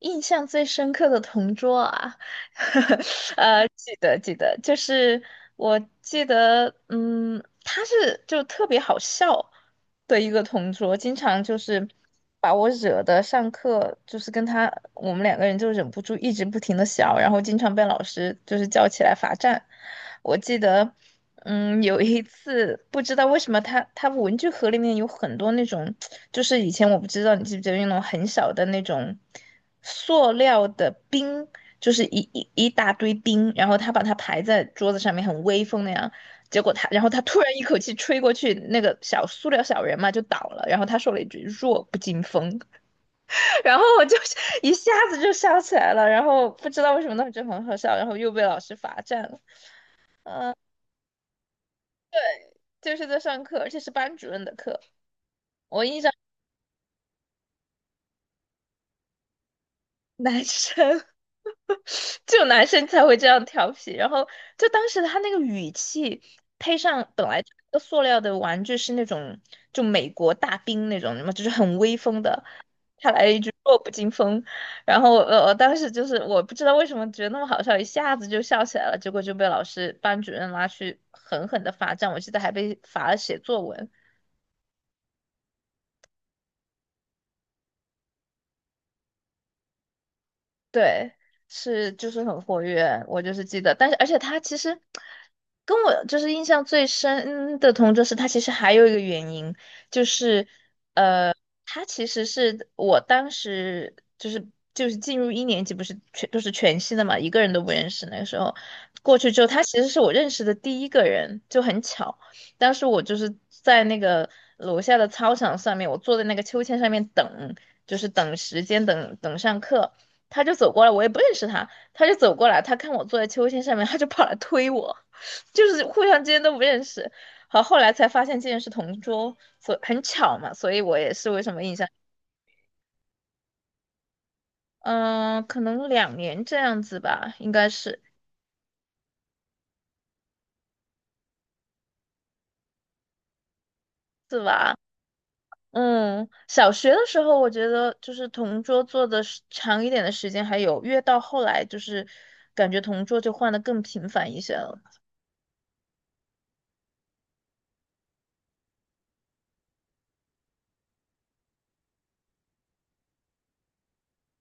印象最深刻的同桌啊，记得记得，他是就特别好笑的一个同桌，经常就是把我惹的上课就是跟他我们两个人就忍不住一直不停的笑，然后经常被老师就是叫起来罚站。我记得，有一次不知道为什么他文具盒里面有很多那种，就是以前我不知道你记不记得那种很小的那种塑料的冰，就是一一一大堆冰，然后他把它排在桌子上面，很威风那样。结果他，然后他突然一口气吹过去，那个小塑料小人嘛就倒了。然后他说了一句“弱不禁风”，然后我就 一下子就笑起来了。然后不知道为什么当时就很好笑，然后又被老师罚站了。嗯。就是在上课，而且是班主任的课。我印象男生 只有男生才会这样调皮，然后就当时他那个语气，配上本来这个塑料的玩具是那种就美国大兵那种什么，就是很威风的，他来了一句弱不禁风，然后我当时就是我不知道为什么觉得那么好笑，一下子就笑起来了，结果就被老师班主任拉去狠狠的罚站，我记得还被罚了写作文。对，是就是很活跃，我就是记得，但是而且他其实跟我就是印象最深的同桌是他其实还有一个原因，就是他其实是我当时就是进入一年级，不是全都是全新的嘛，一个人都不认识。那个时候过去之后，他其实是我认识的第一个人，就很巧。当时我就是在那个楼下的操场上面，我坐在那个秋千上面等，就是等时间，等等上课。他就走过来，我也不认识他，他就走过来，他看我坐在秋千上面，他就跑来推我，就是互相之间都不认识。好，后来才发现竟然是同桌，所很巧嘛，所以我也是为什么印象，嗯、可能2年这样子吧，应该是是吧？嗯，小学的时候我觉得就是同桌坐的时长一点的时间还有，越到后来就是感觉同桌就换的更频繁一些了。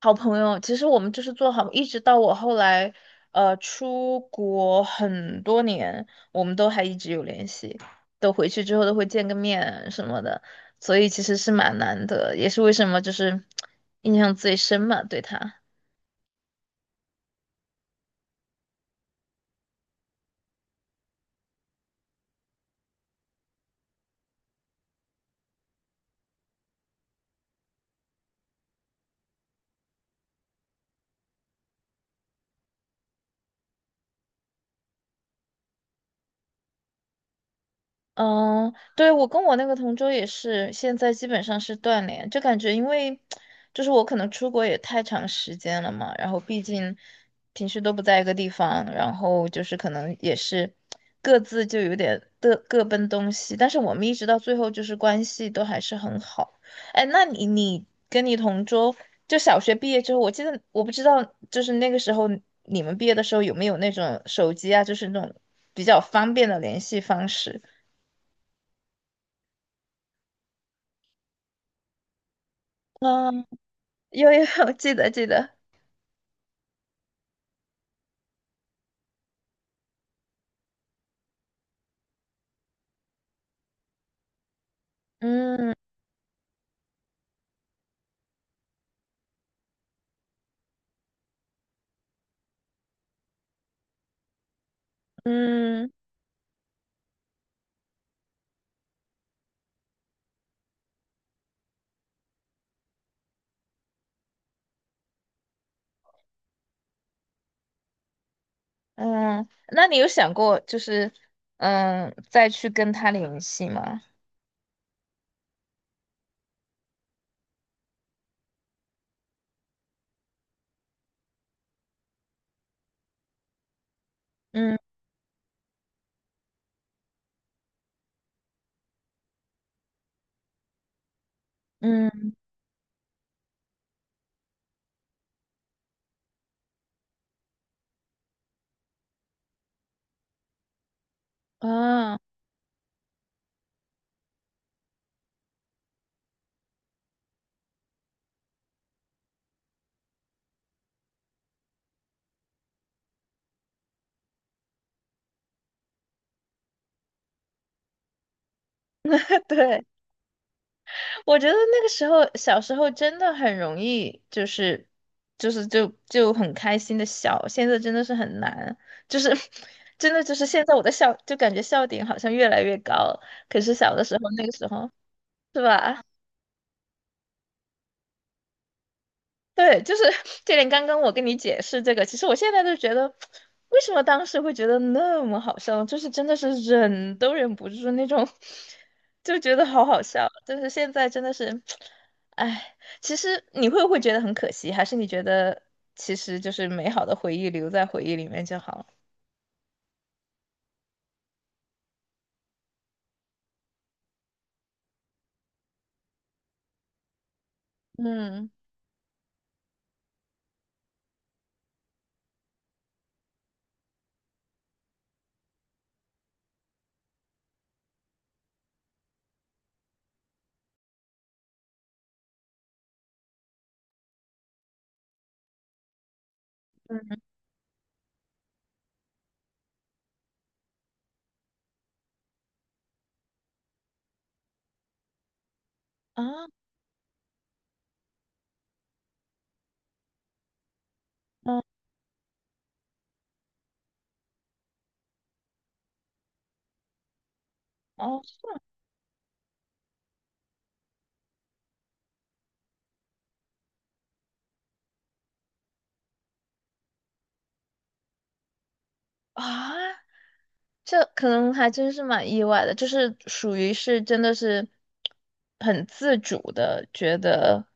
好朋友，其实我们就是做好，一直到我后来，出国很多年，我们都还一直有联系，都回去之后都会见个面什么的，所以其实是蛮难得，也是为什么就是印象最深嘛，对他。嗯，对，我跟我那个同桌也是，现在基本上是断联，就感觉因为就是我可能出国也太长时间了嘛，然后毕竟平时都不在一个地方，然后就是可能也是各自就有点各各奔东西，但是我们一直到最后就是关系都还是很好。哎，那你跟你同桌就小学毕业之后，我记得我不知道就是那个时候你们毕业的时候有没有那种手机啊，就是那种比较方便的联系方式。嗯，有有 记得记得，嗯嗯嗯，那你有想过就是再去跟他联系吗？嗯嗯啊，对，我觉得那个时候小时候真的很容易，就很开心的笑，现在真的是很难，就是 真的就是现在我的笑就感觉笑点好像越来越高了，可是小的时候那个时候是吧？对，就是这点。刚刚我跟你解释这个，其实我现在都觉得，为什么当时会觉得那么好笑，就是真的是忍都忍不住那种，就觉得好好笑。就是现在真的是，哎，其实你会不会觉得很可惜，还是你觉得其实就是美好的回忆留在回忆里面就好了？嗯，啊，嗯，哦，啊。这可能还真是蛮意外的，就是属于是真的是很自主的，觉得，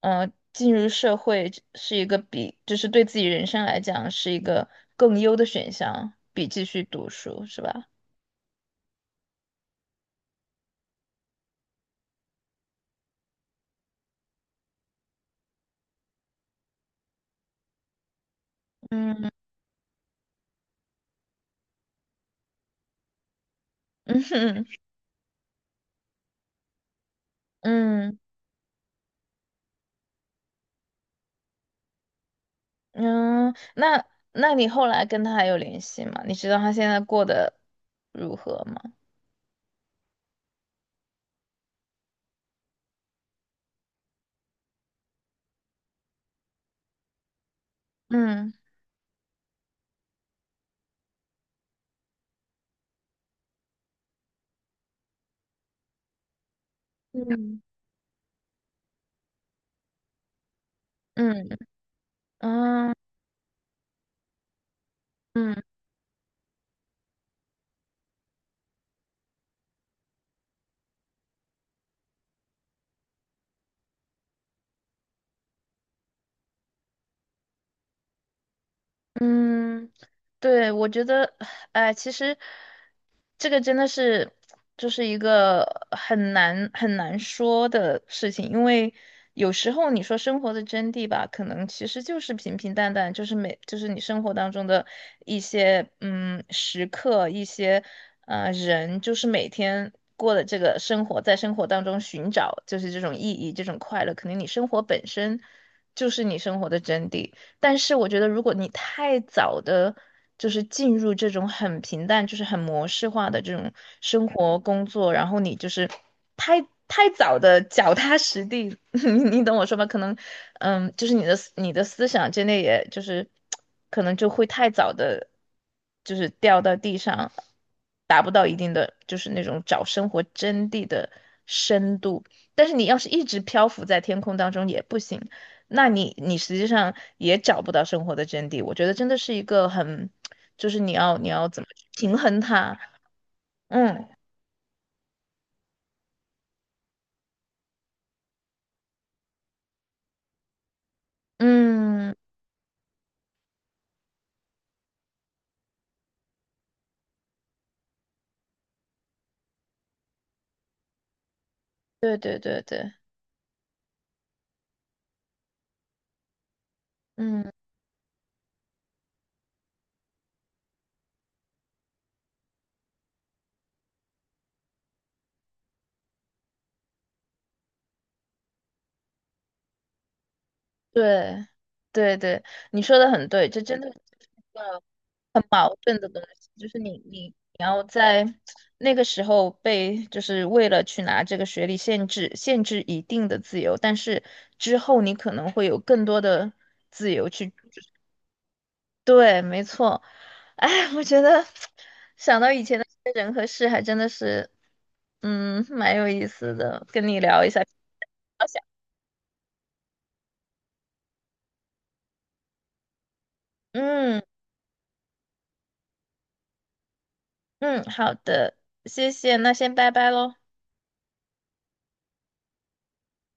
嗯、进入社会是一个比，就是对自己人生来讲是一个更优的选项，比继续读书，是吧？嗯哼，嗯嗯，那那你后来跟他还有联系吗？你知道他现在过得如何吗？嗯嗯嗯嗯嗯。嗯，对，我觉得，哎，其实这个真的是就是一个很难很难说的事情，因为有时候你说生活的真谛吧，可能其实就是平平淡淡，就是每就是你生活当中的一些时刻，一些人，就是每天过的这个生活，在生活当中寻找就是这种意义，这种快乐，可能你生活本身就是你生活的真谛。但是我觉得，如果你太早的就是进入这种很平淡、就是很模式化的这种生活工作，然后你就是太太早的脚踏实地，你你懂我说吧？可能，嗯，就是你的思想真的也就是可能就会太早的，就是掉到地上，达不到一定的就是那种找生活真谛的深度。但是你要是一直漂浮在天空当中也不行。那你你实际上也找不到生活的真谛。我觉得真的是一个很，就是你要怎么去平衡它。嗯嗯，对对对对，嗯对对对，你说的很对，这真的是一个矛盾的东西，就是你要在那个时候被就是为了去拿这个学历限制一定的自由，但是之后你可能会有更多的自由去。对，没错。哎，我觉得想到以前的一些人和事，还真的是，嗯，蛮有意思的。跟你聊一下，好想嗯嗯，好的，谢谢，那先拜拜喽。